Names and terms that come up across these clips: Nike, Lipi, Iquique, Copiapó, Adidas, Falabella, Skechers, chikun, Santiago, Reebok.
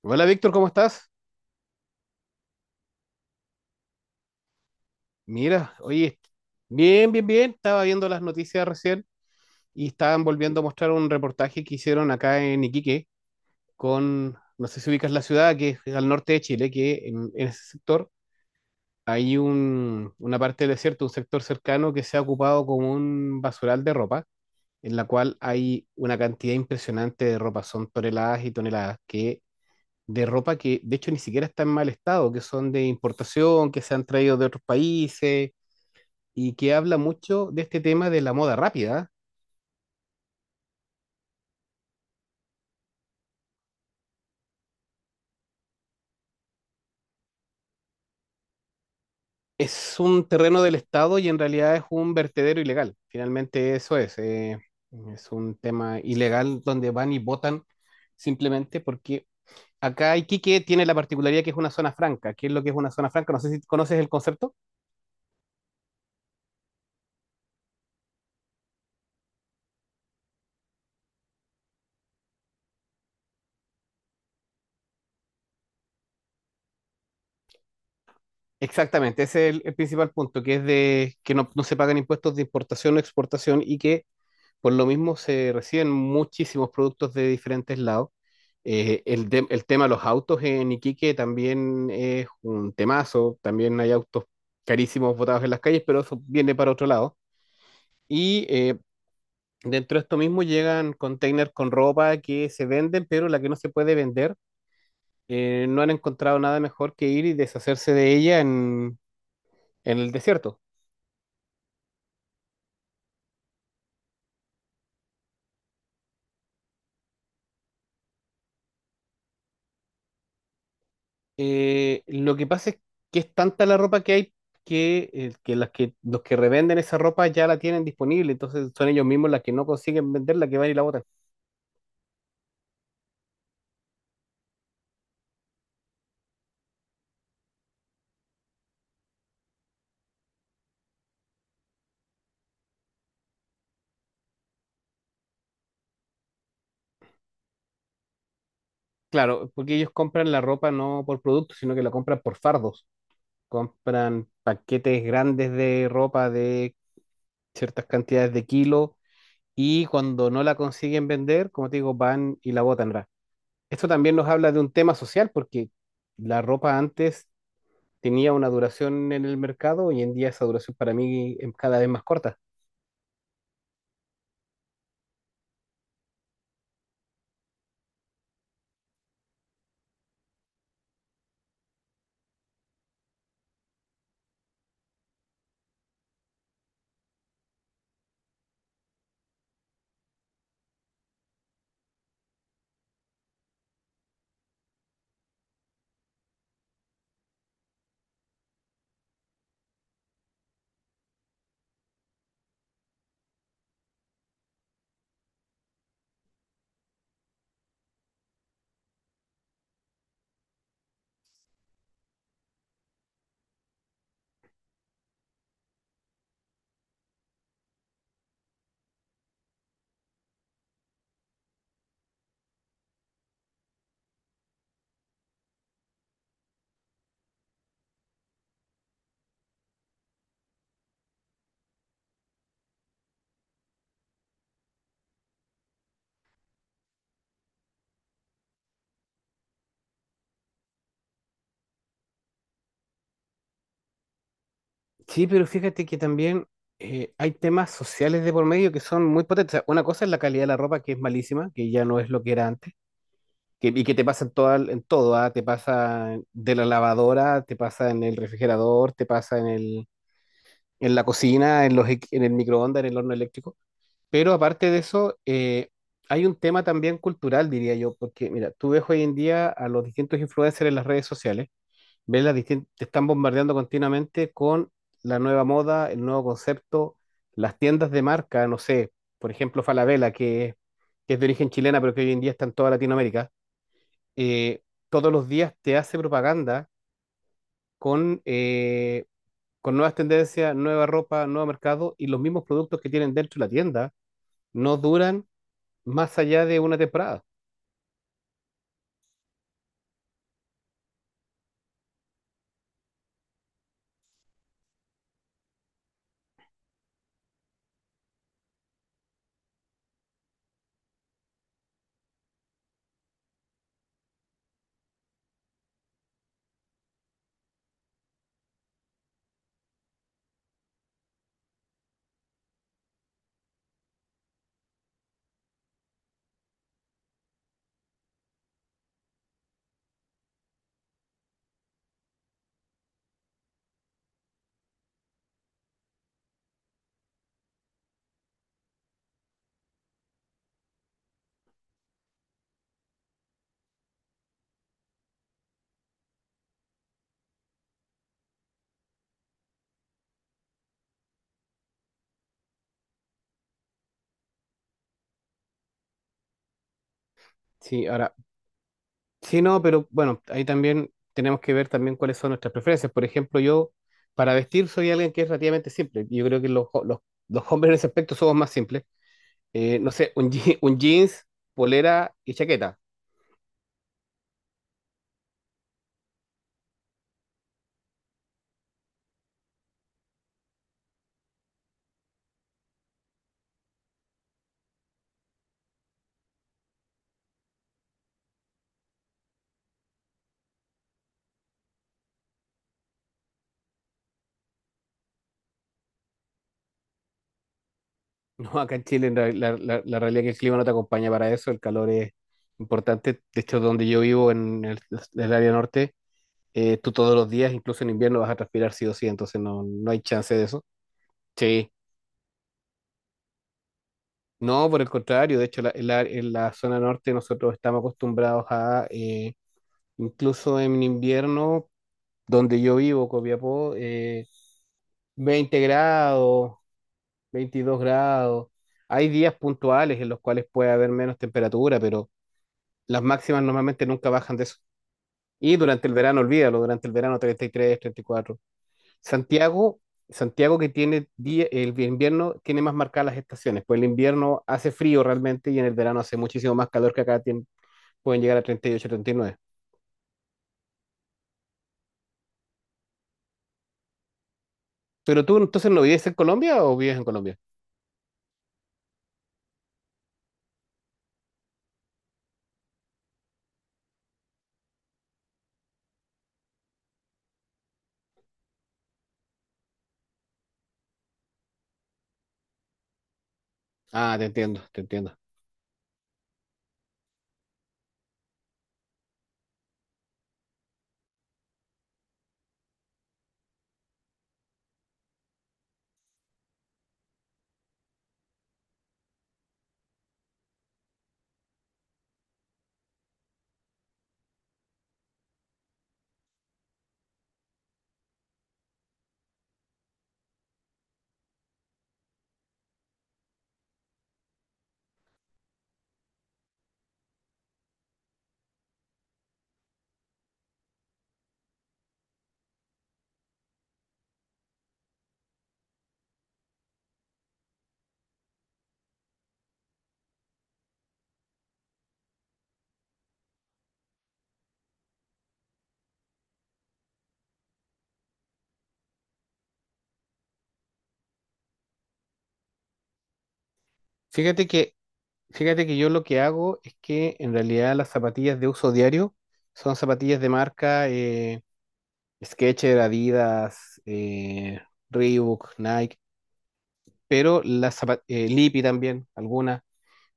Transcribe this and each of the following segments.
Hola Víctor, ¿cómo estás? Mira, oye, bien, bien, bien. Estaba viendo las noticias recién y estaban volviendo a mostrar un reportaje que hicieron acá en Iquique con, no sé si ubicas la ciudad, que es al norte de Chile, que en ese sector hay una parte del desierto, un sector cercano que se ha ocupado como un basural de ropa, en la cual hay una cantidad impresionante de ropa, son toneladas y toneladas que, de ropa que de hecho ni siquiera está en mal estado, que son de importación, que se han traído de otros países y que habla mucho de este tema de la moda rápida. Es un terreno del Estado y en realidad es un vertedero ilegal. Finalmente eso es. Es un tema ilegal donde van y votan simplemente porque acá Iquique tiene la particularidad que es una zona franca. ¿Qué es lo que es una zona franca? No sé si conoces el concepto. Exactamente, ese es el principal punto, que es de que no se pagan impuestos de importación o exportación y que por lo mismo se reciben muchísimos productos de diferentes lados. El tema de los autos en Iquique también es un temazo. También hay autos carísimos botados en las calles, pero eso viene para otro lado. Y dentro de esto mismo llegan containers con ropa que se venden, pero la que no se puede vender, no han encontrado nada mejor que ir y deshacerse de ella en el desierto. Lo que pasa es que es tanta la ropa que hay que, las que los que revenden esa ropa ya la tienen disponible, entonces son ellos mismos las que no consiguen venderla, que van y la botan. Claro, porque ellos compran la ropa no por producto, sino que la compran por fardos. Compran paquetes grandes de ropa de ciertas cantidades de kilos y cuando no la consiguen vender, como te digo, van y la botan. Ra. Esto también nos habla de un tema social, porque la ropa antes tenía una duración en el mercado, hoy en día esa duración para mí es cada vez más corta. Sí, pero fíjate que también hay temas sociales de por medio que son muy potentes. O sea, una cosa es la calidad de la ropa, que es malísima, que ya no es lo que era antes, y que te pasa en todo, ¿ah? Te pasa de la lavadora, te pasa en el refrigerador, te pasa en la cocina, en el microondas, en el horno eléctrico. Pero aparte de eso, hay un tema también cultural, diría yo, porque mira, tú ves hoy en día a los distintos influencers en las redes sociales. Te están bombardeando continuamente con la nueva moda, el nuevo concepto, las tiendas de marca, no sé, por ejemplo, Falabella, que es de origen chilena, pero que hoy en día está en toda Latinoamérica, eh, todos los días te hace propaganda con, eh, con nuevas tendencias, nueva ropa, nuevo mercado y los mismos productos que tienen dentro de la tienda no duran más allá de una temporada. Sí, ahora. Sí, no, pero bueno, ahí también tenemos que ver también cuáles son nuestras preferencias. Por ejemplo, yo para vestir soy alguien que es relativamente simple. Yo creo que los hombres en ese aspecto somos más simples. No sé, un jeans, polera y chaqueta. No, acá en Chile en real- la realidad es que el clima no te acompaña para eso, el calor es importante. De hecho, donde yo vivo en el área norte, tú todos los días, incluso en invierno, vas a transpirar sí o sí, entonces no hay chance de eso. Sí. No, por el contrario, de hecho, en la zona norte nosotros estamos acostumbrados a, incluso en invierno, donde yo vivo, Copiapó, 20 grados, 22 grados. Hay días puntuales en los cuales puede haber menos temperatura, pero las máximas normalmente nunca bajan de eso. Y durante el verano, olvídalo, durante el verano 30, 33, 34. Santiago, Santiago, el invierno tiene más marcadas las estaciones, pues el invierno hace frío realmente y en el verano hace muchísimo más calor que acá pueden llegar a 30, 38, 39. ¿Pero tú entonces no vives en Colombia o vives en Colombia? Ah, te entiendo, te entiendo. Fíjate que, fíjate que yo lo que hago es que en realidad las zapatillas de uso diario son zapatillas de marca Skechers, Adidas, Reebok, Nike, pero Lipi también, algunas.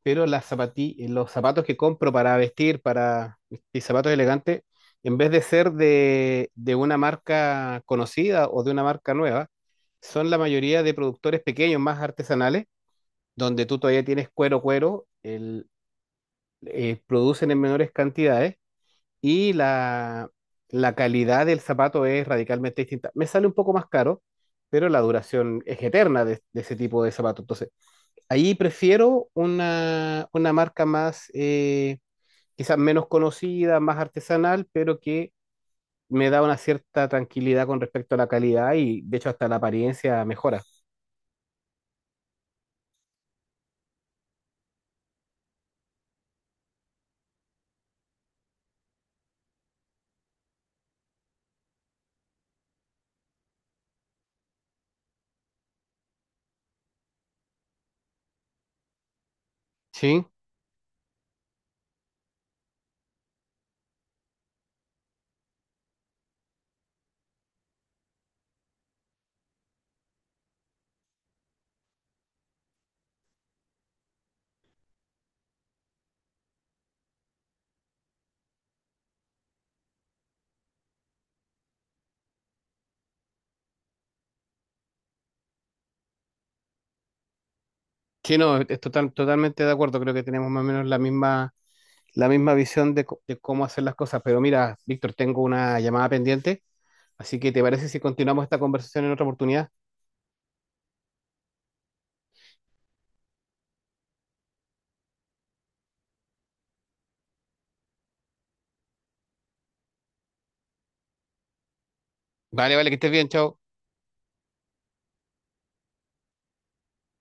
Pero los zapatos que compro para vestir, para mis zapatos elegantes, en vez de ser de una marca conocida o de una marca nueva, son la mayoría de productores pequeños, más artesanales, donde tú todavía tienes cuero, cuero, producen en menores cantidades y la calidad del zapato es radicalmente distinta. Me sale un poco más caro, pero la duración es eterna de ese tipo de zapatos. Ahí prefiero una marca más, quizás menos conocida, más artesanal, pero que me da una cierta tranquilidad con respecto a la calidad y de hecho hasta la apariencia mejora. Sí, sí, no, es totalmente de acuerdo. Creo que tenemos más o menos la misma visión de, de cómo hacer las cosas. Pero mira, Víctor, tengo una llamada pendiente, así que ¿te parece si continuamos esta conversación en otra oportunidad? Vale, vale, que estés bien, chao.